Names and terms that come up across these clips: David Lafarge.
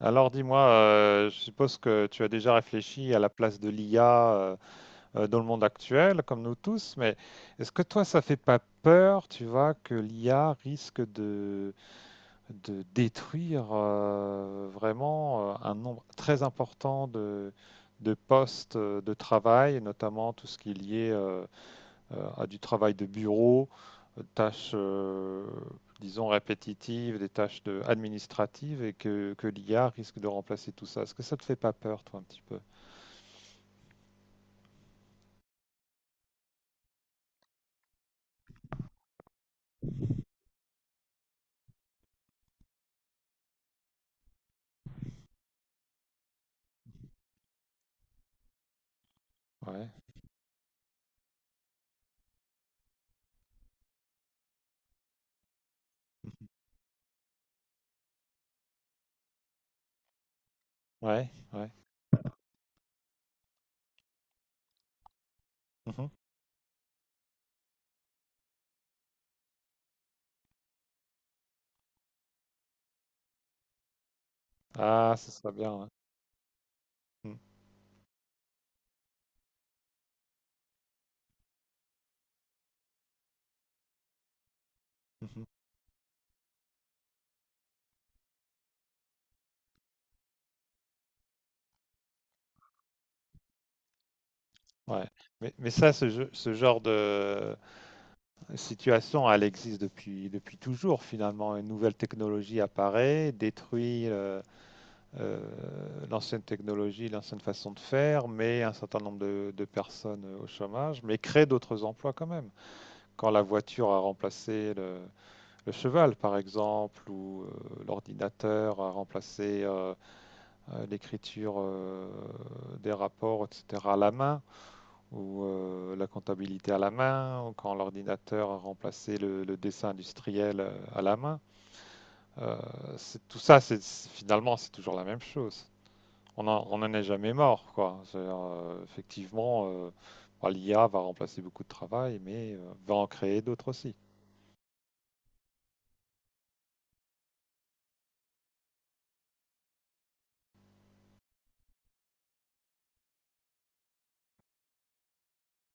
Alors dis-moi, je suppose que tu as déjà réfléchi à la place de l'IA , dans le monde actuel, comme nous tous. Mais est-ce que toi, ça fait pas peur, tu vois, que l'IA risque de détruire vraiment un nombre très important de postes de travail, notamment tout ce qui est lié, à du travail de bureau, tâches, disons, répétitives, des administratives, et que l'IA risque de remplacer tout ça. Est-ce que ça te fait pas peur, toi, un petit peu? Ouais. Mhm. Ouais, ouais. Mhm. Ah, ce serait bien. Ouais. Mm. Mhm. Ouais. Mais ça, ce genre de situation, elle existe depuis toujours, finalement. Une nouvelle technologie apparaît, détruit euh, l'ancienne technologie, l'ancienne façon de faire, mais un certain nombre de personnes au chômage, mais crée d'autres emplois quand même. Quand la voiture a remplacé le cheval, par exemple, ou l'ordinateur a remplacé, l'écriture des rapports, etc., à la main, ou la comptabilité à la main, ou quand l'ordinateur a remplacé le dessin industriel à la main, euh, tout ça, c'est finalement, c'est toujours la même chose. On en est jamais mort, quoi. C'est-à-dire, effectivement, bah, l'IA va remplacer beaucoup de travail, mais va en créer d'autres aussi.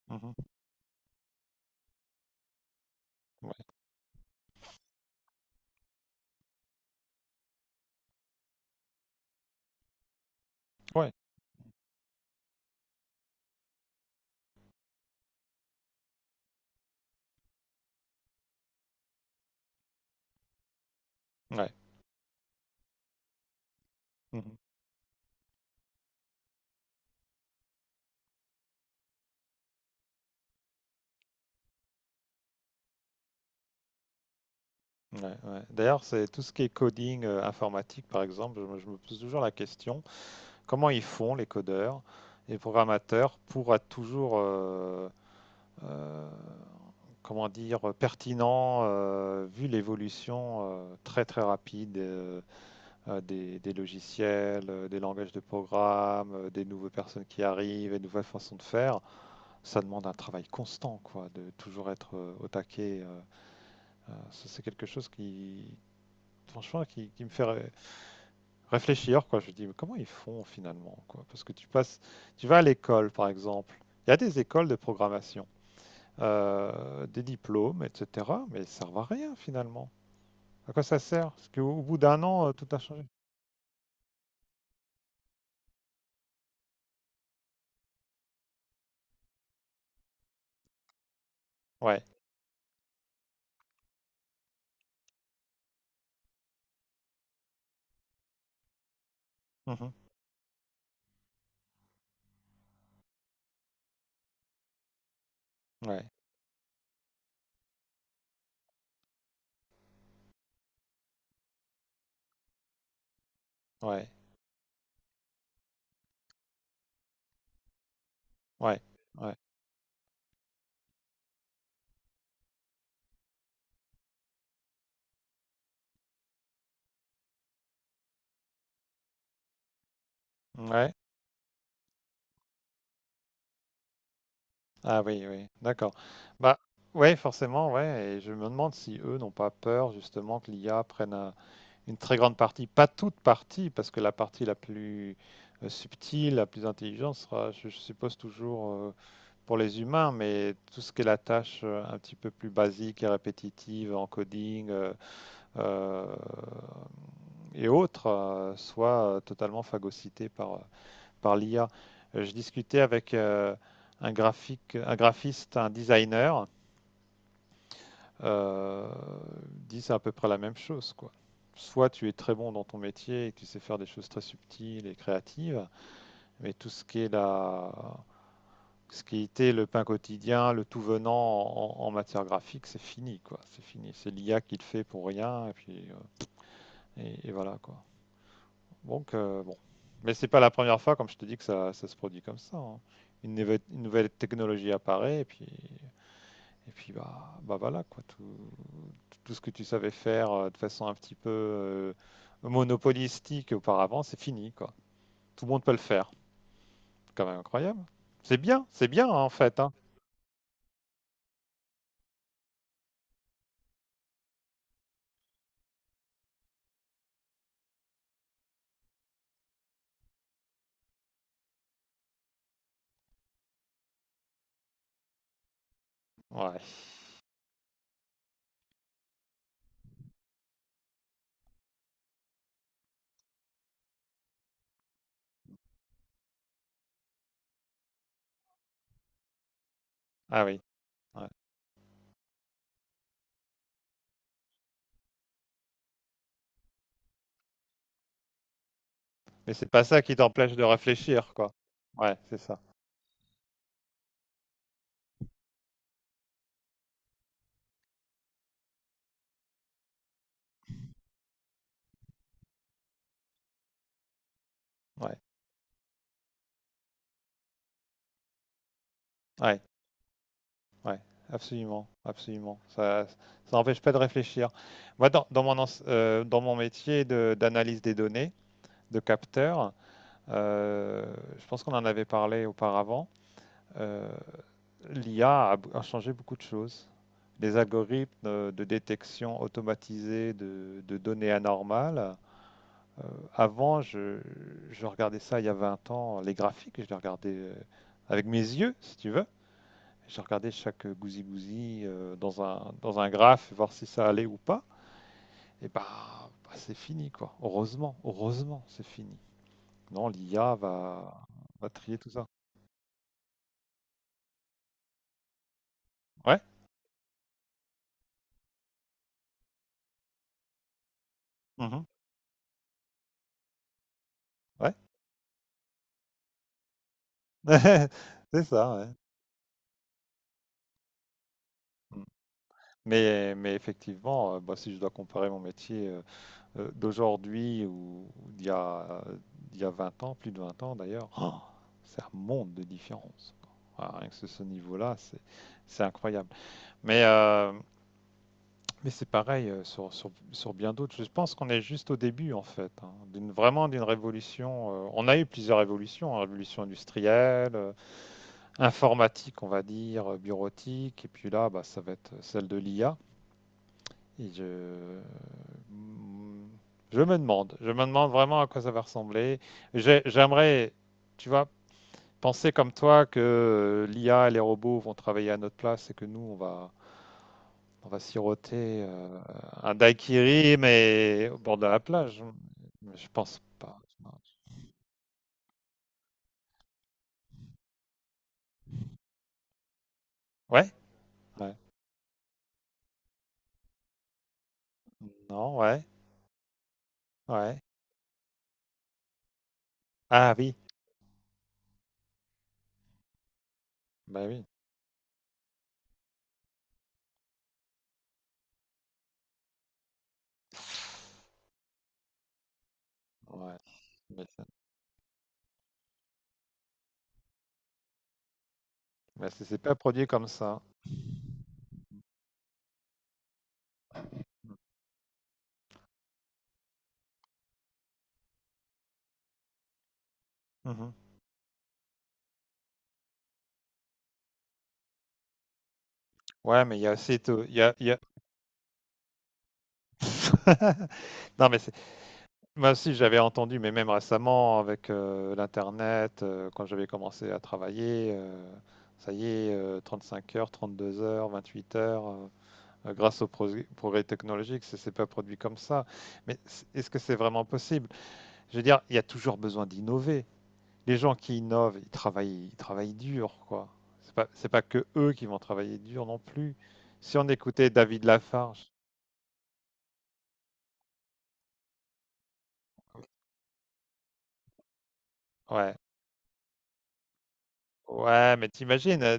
Mhm. Ouais. Ouais. Ouais. Mhm. Ouais, ouais. D'ailleurs, c'est tout ce qui est coding informatique, par exemple, je me pose toujours la question, comment ils font les codeurs et programmateurs pour être toujours, euh, comment dire, pertinents vu l'évolution très très rapide, des logiciels, des langages de programme, des nouvelles personnes qui arrivent, des nouvelles façons de faire. Ça demande un travail constant, quoi, de toujours être au taquet. Ça, c'est quelque chose qui, franchement, qui me fait réfléchir, quoi. Je me dis, mais comment ils font finalement, quoi? Parce que tu passes, tu vas à l'école, par exemple. Il y a des écoles de programmation, des diplômes, etc., mais ils servent à rien finalement. À quoi ça sert? Parce qu'au bout d'un an, tout a changé. Ouais. Mhm. Ouais. Ouais. Ouais, ouais, ouais. Ah oui, oui, d'accord. Bah, ouais, forcément, ouais. Et je me demande si eux n'ont pas peur justement que l'IA prenne une très grande partie, pas toute partie, parce que la partie la plus subtile, la plus intelligente sera, je suppose, toujours pour les humains, mais tout ce qui est la tâche un petit peu plus basique et répétitive en coding euh, et autres, soit totalement phagocytée par l'IA. Je discutais avec un graphique, un graphiste, un designer. Euh, il dit c'est à peu près la même chose, quoi. Soit tu es très bon dans ton métier et que tu sais faire des choses très subtiles et créatives, mais tout ce qui est la, ce qui était le pain quotidien, le tout venant en matière graphique, c'est fini, quoi. C'est fini. C'est l'IA qui le fait pour rien, et puis et voilà, quoi. Donc, bon. Mais c'est pas la première fois, comme je te dis, que ça se produit comme ça, hein. Une nouvelle technologie apparaît et puis bah voilà, quoi. Tout ce que tu savais faire de façon un petit peu monopolistique auparavant, c'est fini, quoi. Tout le monde peut le faire. C'est quand même incroyable. C'est bien, c'est bien, hein, en fait, hein. Ouais. Ah oui. Ouais. Mais c'est pas ça qui t'empêche de réfléchir, quoi. Ouais, c'est ça. Ouais. Ouais. Ouais, absolument, absolument. Ça n'empêche pas de réfléchir. Moi, dans mon métier d'analyse des données, de capteur, euh, je pense qu'on en avait parlé auparavant. euh, l'IA a changé beaucoup de choses. Les algorithmes de détection automatisée de données anormales. euh, avant, je regardais ça il y a 20 ans, les graphiques, je les regardais avec mes yeux, si tu veux. J'ai regardé chaque gousi-gousi dans un graphe, voir si ça allait ou pas. Et bah, c'est fini, quoi. Heureusement, heureusement, c'est fini. Non, l'IA va trier tout ça. Ouais, mhm, ouais, c'est ça, ouais. Mm. Mais effectivement, bah, si je dois comparer mon métier d'aujourd'hui ou d'il y a 20 ans, plus de 20 ans d'ailleurs, oh, c'est un monde de différence, quoi. Ah, rien que ce niveau-là, c'est incroyable. Mais, euh, Mais c'est pareil sur bien d'autres. Je pense qu'on est juste au début, en fait, hein, vraiment d'une révolution. On a eu plusieurs révolutions, hein, révolution industrielle, informatique, on va dire, bureautique, et puis là, bah, ça va être celle de l'IA. Et mm, je me demande, je me demande vraiment à quoi ça va ressembler. J'aimerais, tu vois, penser comme toi que l'IA et les robots vont travailler à notre place et que nous, on va siroter un daiquiri, mais au bord de la plage. Mais je pense pas. Ouais? Ouais. Non, ouais. Ouais. Ah oui. Bah oui. Ouais. Mais, ça- mais c'est pas produit comme ça. Mhm. Ouais, mais il y a aussi tout. Il y a- Non, mais moi aussi j'avais entendu, mais même récemment avec l'internet, quand j'avais commencé à travailler, ça y est, 35 heures, 32 heures, 28 heures. Grâce au progrès technologique, c'est pas produit comme ça. Mais est-ce que c'est vraiment possible? Je veux dire, il y a toujours besoin d'innover. Les gens qui innovent, ils travaillent dur, quoi. C'est pas que eux qui vont travailler dur non plus. Si on écoutait David Lafarge, ouais, ouais, mais t'imagines,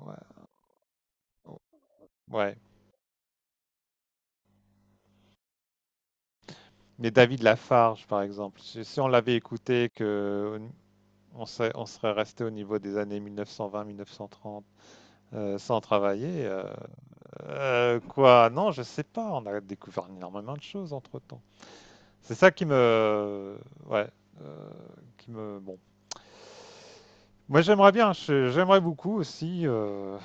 ouais, ouais. Mais David Lafarge, par exemple, si on l'avait écouté, que on serait resté au niveau des années 1920-1930 sans travailler. Euh, Quoi? Non, je sais pas. On a découvert énormément de choses entre-temps. C'est ça qui me... Ouais. euh, qui me... Bon. Moi, j'aimerais bien. J'aimerais beaucoup aussi euh,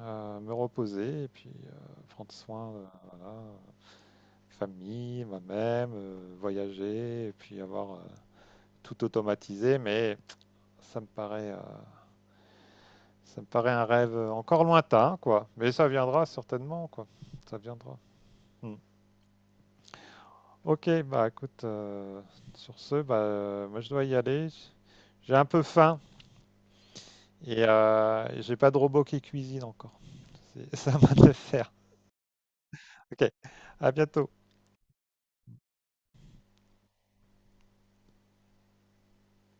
euh, me reposer et puis prendre soin de, voilà, famille, moi-même, voyager et puis avoir tout automatisé. Ça me paraît... euh, Ça me paraît un rêve encore lointain, quoi. Mais ça viendra certainement, quoi. Ça viendra. Mm. Ok, bah écoute, sur ce, bah, moi je dois y aller. J'ai un peu faim et j'ai pas de robot qui cuisine encore. C'est c'est à de le faire. Ok, à bientôt.